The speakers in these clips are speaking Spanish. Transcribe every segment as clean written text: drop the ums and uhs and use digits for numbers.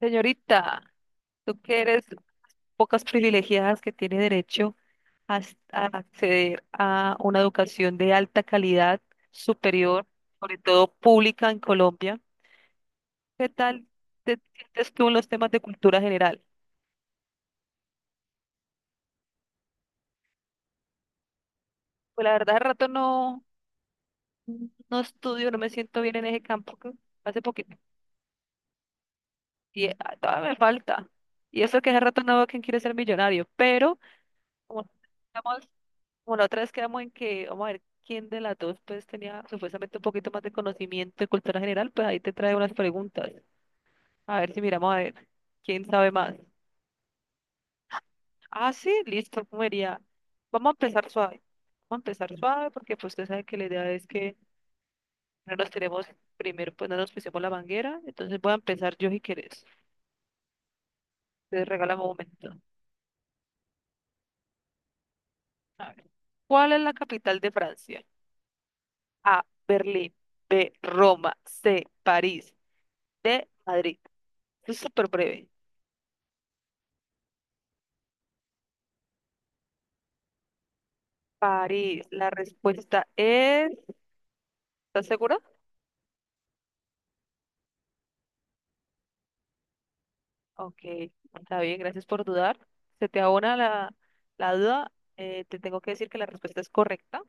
Señorita, tú que eres pocas privilegiadas que tiene derecho a, a acceder a una educación de alta calidad, superior, sobre todo pública en Colombia, ¿qué tal te sientes tú en los temas de cultura general? Pues la verdad, al rato no estudio, no me siento bien en ese campo que hace poquito. Todavía me falta. Y eso que hace rato no veo quién quiere ser millonario, pero como estamos. Como la otra vez quedamos en que, vamos a ver quién de las dos pues tenía supuestamente un poquito más de conocimiento de cultura general, pues ahí te trae unas preguntas. A ver si miramos a ver quién sabe más. Ah, sí, listo, comería. Vamos a empezar suave. Vamos a empezar suave porque pues usted sabe que la idea es que no nos tenemos primero, pues no nos pusimos la manguera. Entonces voy a empezar yo si quieres. Te regálame un momento. A ver. ¿Cuál es la capital de Francia? A, Berlín. B, Roma. C, París. D, Madrid. Esto es súper breve. París, la respuesta es... ¿Estás segura? Ok, está bien, gracias por dudar. Se te abona la duda. Te tengo que decir que la respuesta es correcta.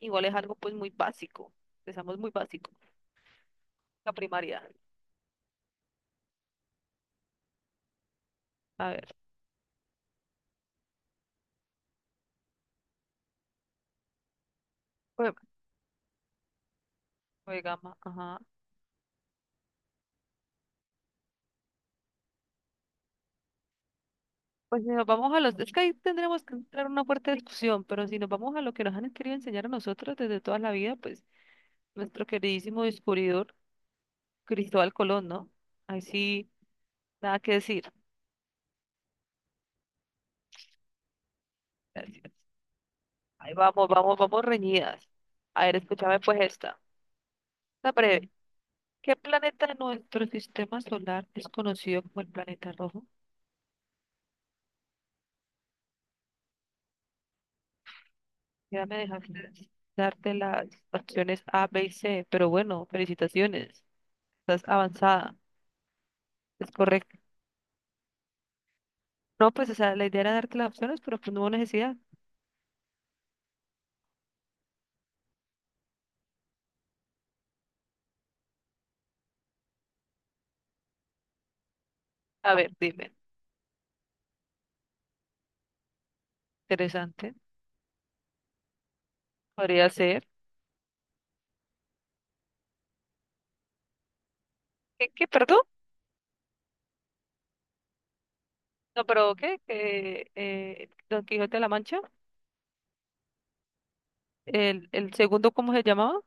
Igual es algo pues muy básico. Empezamos muy básico. La primaria. A ver, pues, gama, ajá. Pues si nos vamos a los... Es que ahí tendremos que entrar en una fuerte discusión, pero si nos vamos a lo que nos han querido enseñar a nosotros desde toda la vida, pues nuestro queridísimo descubridor, Cristóbal Colón, ¿no? Ahí sí, nada que decir. Gracias. Ahí vamos, vamos, vamos reñidas. A ver, escúchame pues esta. Está breve. ¿Qué planeta de nuestro sistema solar es conocido como el planeta rojo? Ya me dejaste darte las opciones A, B y C, pero bueno, felicitaciones. Estás avanzada. Es correcto. No, pues, o sea, la idea era darte las opciones, pero pues no hubo necesidad. A ver, dime. Interesante. Podría ser. Perdón? No, pero ¿qué? ¿Qué, Don Quijote de la Mancha? ¿El segundo cómo se llamaba?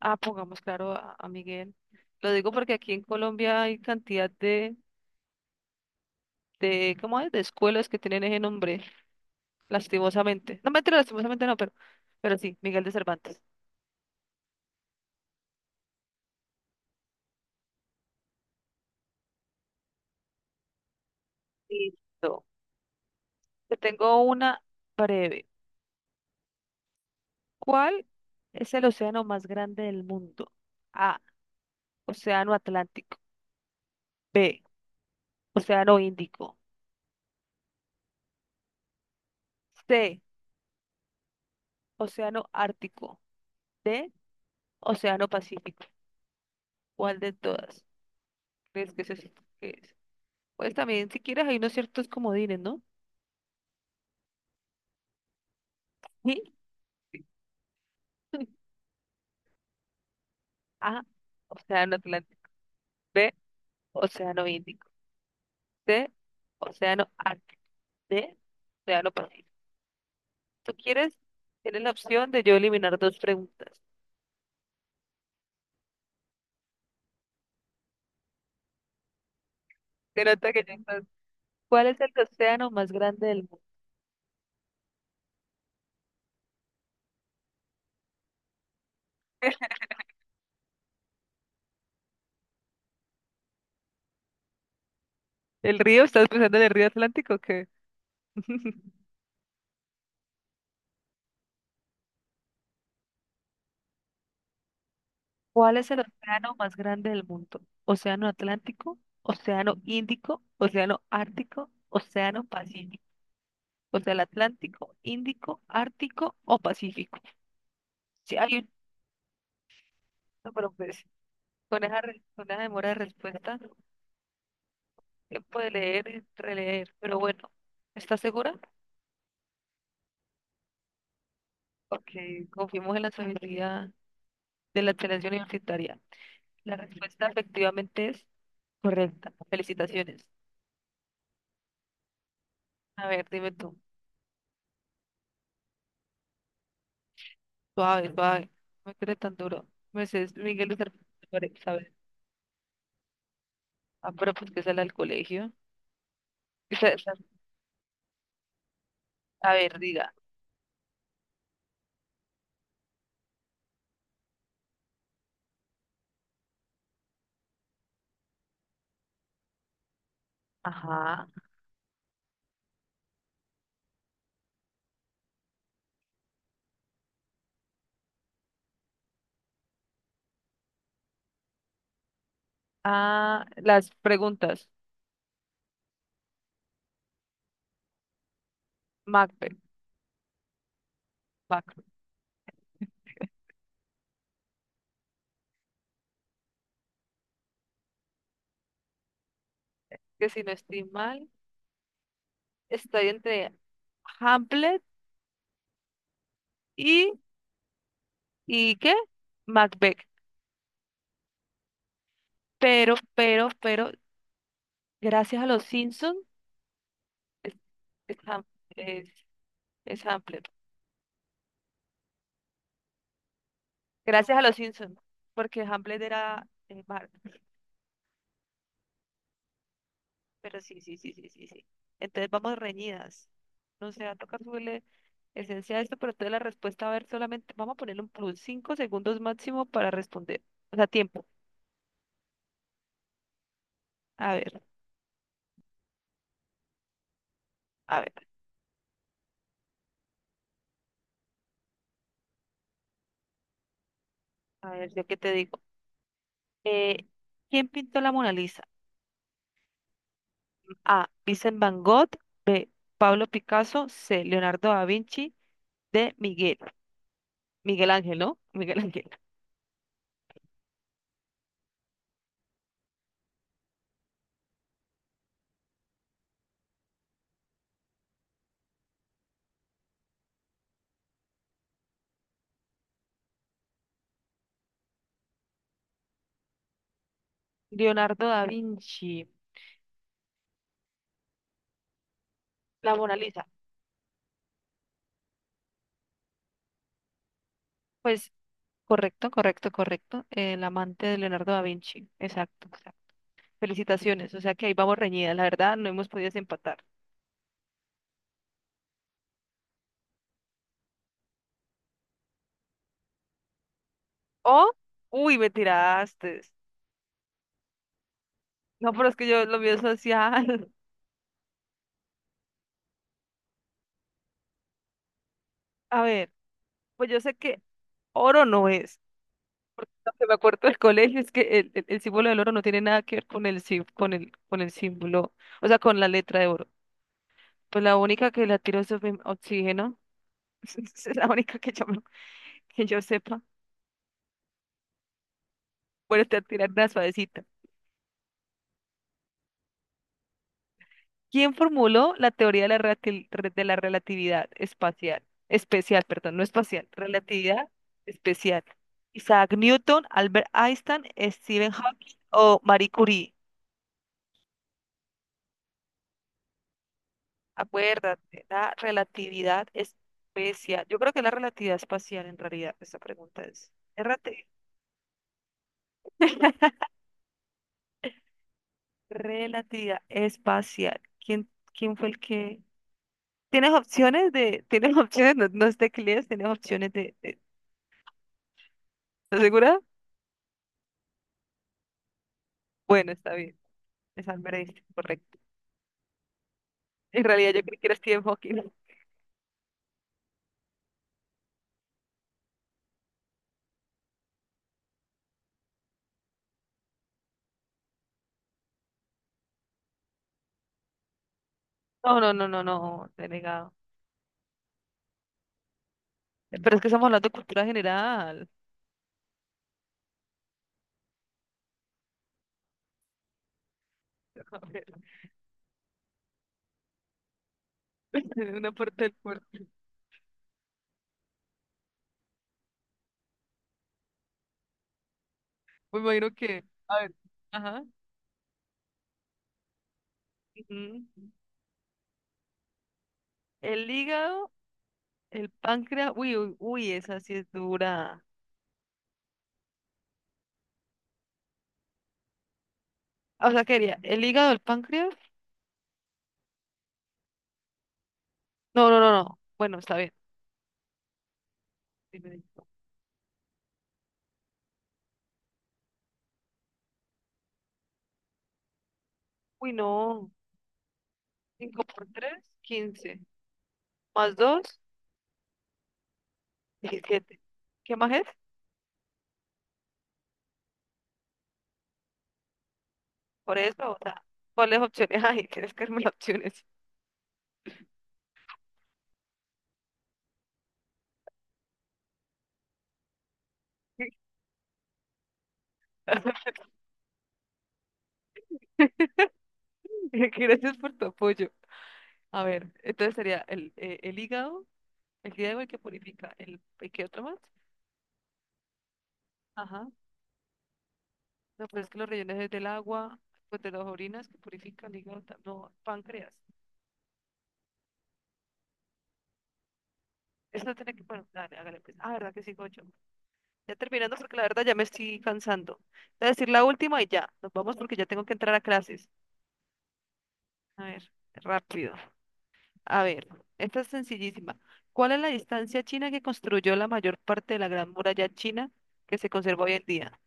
Ah, pongamos claro a Miguel. Lo digo porque aquí en Colombia hay cantidad de, ¿cómo es? De escuelas que tienen ese nombre, lastimosamente. No, mentira, lastimosamente no, pero sí, Miguel de Cervantes. Listo. Te tengo una breve. ¿Cuál es el océano más grande del mundo? A, Océano Atlántico. B, Océano Índico. C, Océano Ártico. D, Océano Pacífico. ¿Cuál de todas crees que es? ¿Qué es? Pues también, si quieres, hay unos ciertos comodines, ¿no? Sí. A, Océano Atlántico. B, Océano Índico. C, Océano Ártico. D, Océano Pacífico. Si tú quieres, tienes la opción de yo eliminar dos preguntas. Se nota que ya estás- ¿Cuál es el océano más grande del mundo? ¿El río? ¿Estás pensando en el río Atlántico o qué? ¿Cuál es el océano más grande del mundo? ¿Océano Atlántico? ¿Océano Índico? ¿Océano Ártico? ¿Océano Pacífico? Contra el Atlántico, Índico, Ártico o Pacífico. Si hay un, no, pero pues, con esa, con esa demora de respuesta, tiempo de leer y releer. Pero bueno, ¿estás segura? Porque confiemos en la sabiduría de la excelencia universitaria. La respuesta efectivamente es correcta. Felicitaciones. A ver, dime tú. Suave, suave. No me crees tan duro. Mercedes Miguel de Cervantes, ¿sabes? Ah, pero pues que sale al colegio. Esa- esa- A ver, diga. Ajá. Ah, las preguntas. Macbeth, Macbeth, que si no estoy mal, estoy entre Hamlet y, ¿y qué? Macbeth. Pero gracias a los Simpsons, es, es, Ham- es- es Hamlet. Gracias a los Simpsons, porque Hamlet era Mark. Pero sí, sí, sí, sí, sí, sí. Entonces vamos reñidas. No sé, va a tocar subirle esencia a esto, pero entonces la respuesta, a ver, solamente vamos a ponerle un plus, 5 segundos máximo para responder. O sea, tiempo. A ver, a ver. A ver, ¿yo qué te digo? Eh, ¿Quién pintó la Mona Lisa? A, Vincent Van Gogh. B, Pablo Picasso. C, Leonardo da Vinci. D, Miguel. Miguel Ángel, ¿no? Miguel Ángel. Leonardo da Vinci. La Mona Lisa. Pues correcto, correcto, correcto. El amante de Leonardo da Vinci. Exacto, exacto. Felicitaciones. O sea que ahí vamos reñidas. La verdad, no hemos podido empatar. O, uy, me tiraste. No, pero es que yo lo mío es social. A ver, pues yo sé que oro no es. Porque lo que me acuerdo del colegio es que el símbolo del oro no tiene nada que ver con el, con el, con el símbolo, o sea, con la letra de oro. Pues la única que la tiró es oxígeno, es la única que que yo sepa. Bueno, te voy a tirar una suavecita. ¿Quién formuló la teoría de la, de la relatividad espacial? Especial, perdón, no espacial, relatividad especial. Isaac Newton, Albert Einstein, Stephen Hawking o Marie Curie. Acuérdate, la relatividad especial. Yo creo que es la relatividad espacial en realidad, esta pregunta es. Errate. Relatividad espacial. ¿Quién, quién fue el que? ¿Tienes opciones de, tienes opciones, no, no es teclees, tienes opciones de- ¿Estás segura? Bueno, está bien. Es Albert Einstein, correcto. En realidad yo creo que era Stephen Hawking. No, te he negado. Pero es que estamos hablando de cultura general. A ver, una parte del cuerpo. Me imagino que, a ver, ajá. Ujú. El hígado, el páncreas. Uy, uy, uy, esa sí es dura. Ah, o sea, quería el hígado, el páncreas. No. Bueno, está bien. Dime. Uy, no. Cinco por 3, 15. Más 2, 17. ¿Qué más es? Por eso, o sea, ¿cuáles opciones hay? Tienes que darme las opciones. Gracias por tu apoyo. A ver, entonces sería el hígado, el hígado el que purifica, el, ¿y qué otro más? Ajá. No, pues es que los rellenos es del agua, pues de las orinas que purifican, hígado, no, páncreas. Esto tiene que, bueno, dale, hágale pues. Ah, verdad que sí, Gocho. Ya terminando porque la verdad ya me estoy cansando. Voy a decir la última y ya, nos vamos porque ya tengo que entrar a clases. A ver, rápido. A ver, esta es sencillísima. ¿Cuál es la distancia china que construyó la mayor parte de la Gran Muralla China que se conserva hoy en día?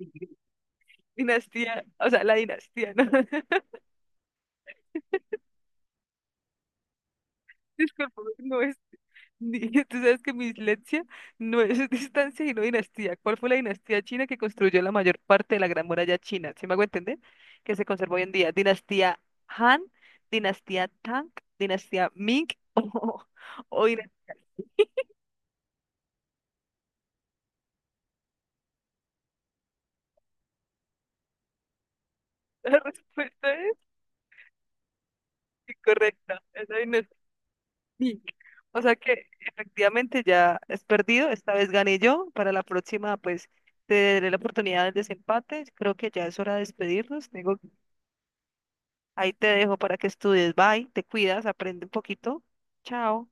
Dinastía, o sea, la dinastía, ¿no? Disculpame, no es. ni- Tú sabes que mi dislexia no es distancia, sino dinastía. ¿Cuál fue la dinastía china que construyó la mayor parte de la Gran Muralla China? ¿Sí me hago entender? Que se conserva hoy en día. Dinastía Han, dinastía Tang, dinastía Ming o, o dinastía. La respuesta es incorrecta. Es la dinastía Ming. O sea que efectivamente ya es perdido. Esta vez gané yo. Para la próxima, pues te daré la oportunidad del desempate. Creo que ya es hora de despedirnos. Tengo. Ahí te dejo para que estudies. Bye, te cuidas, aprende un poquito. Chao.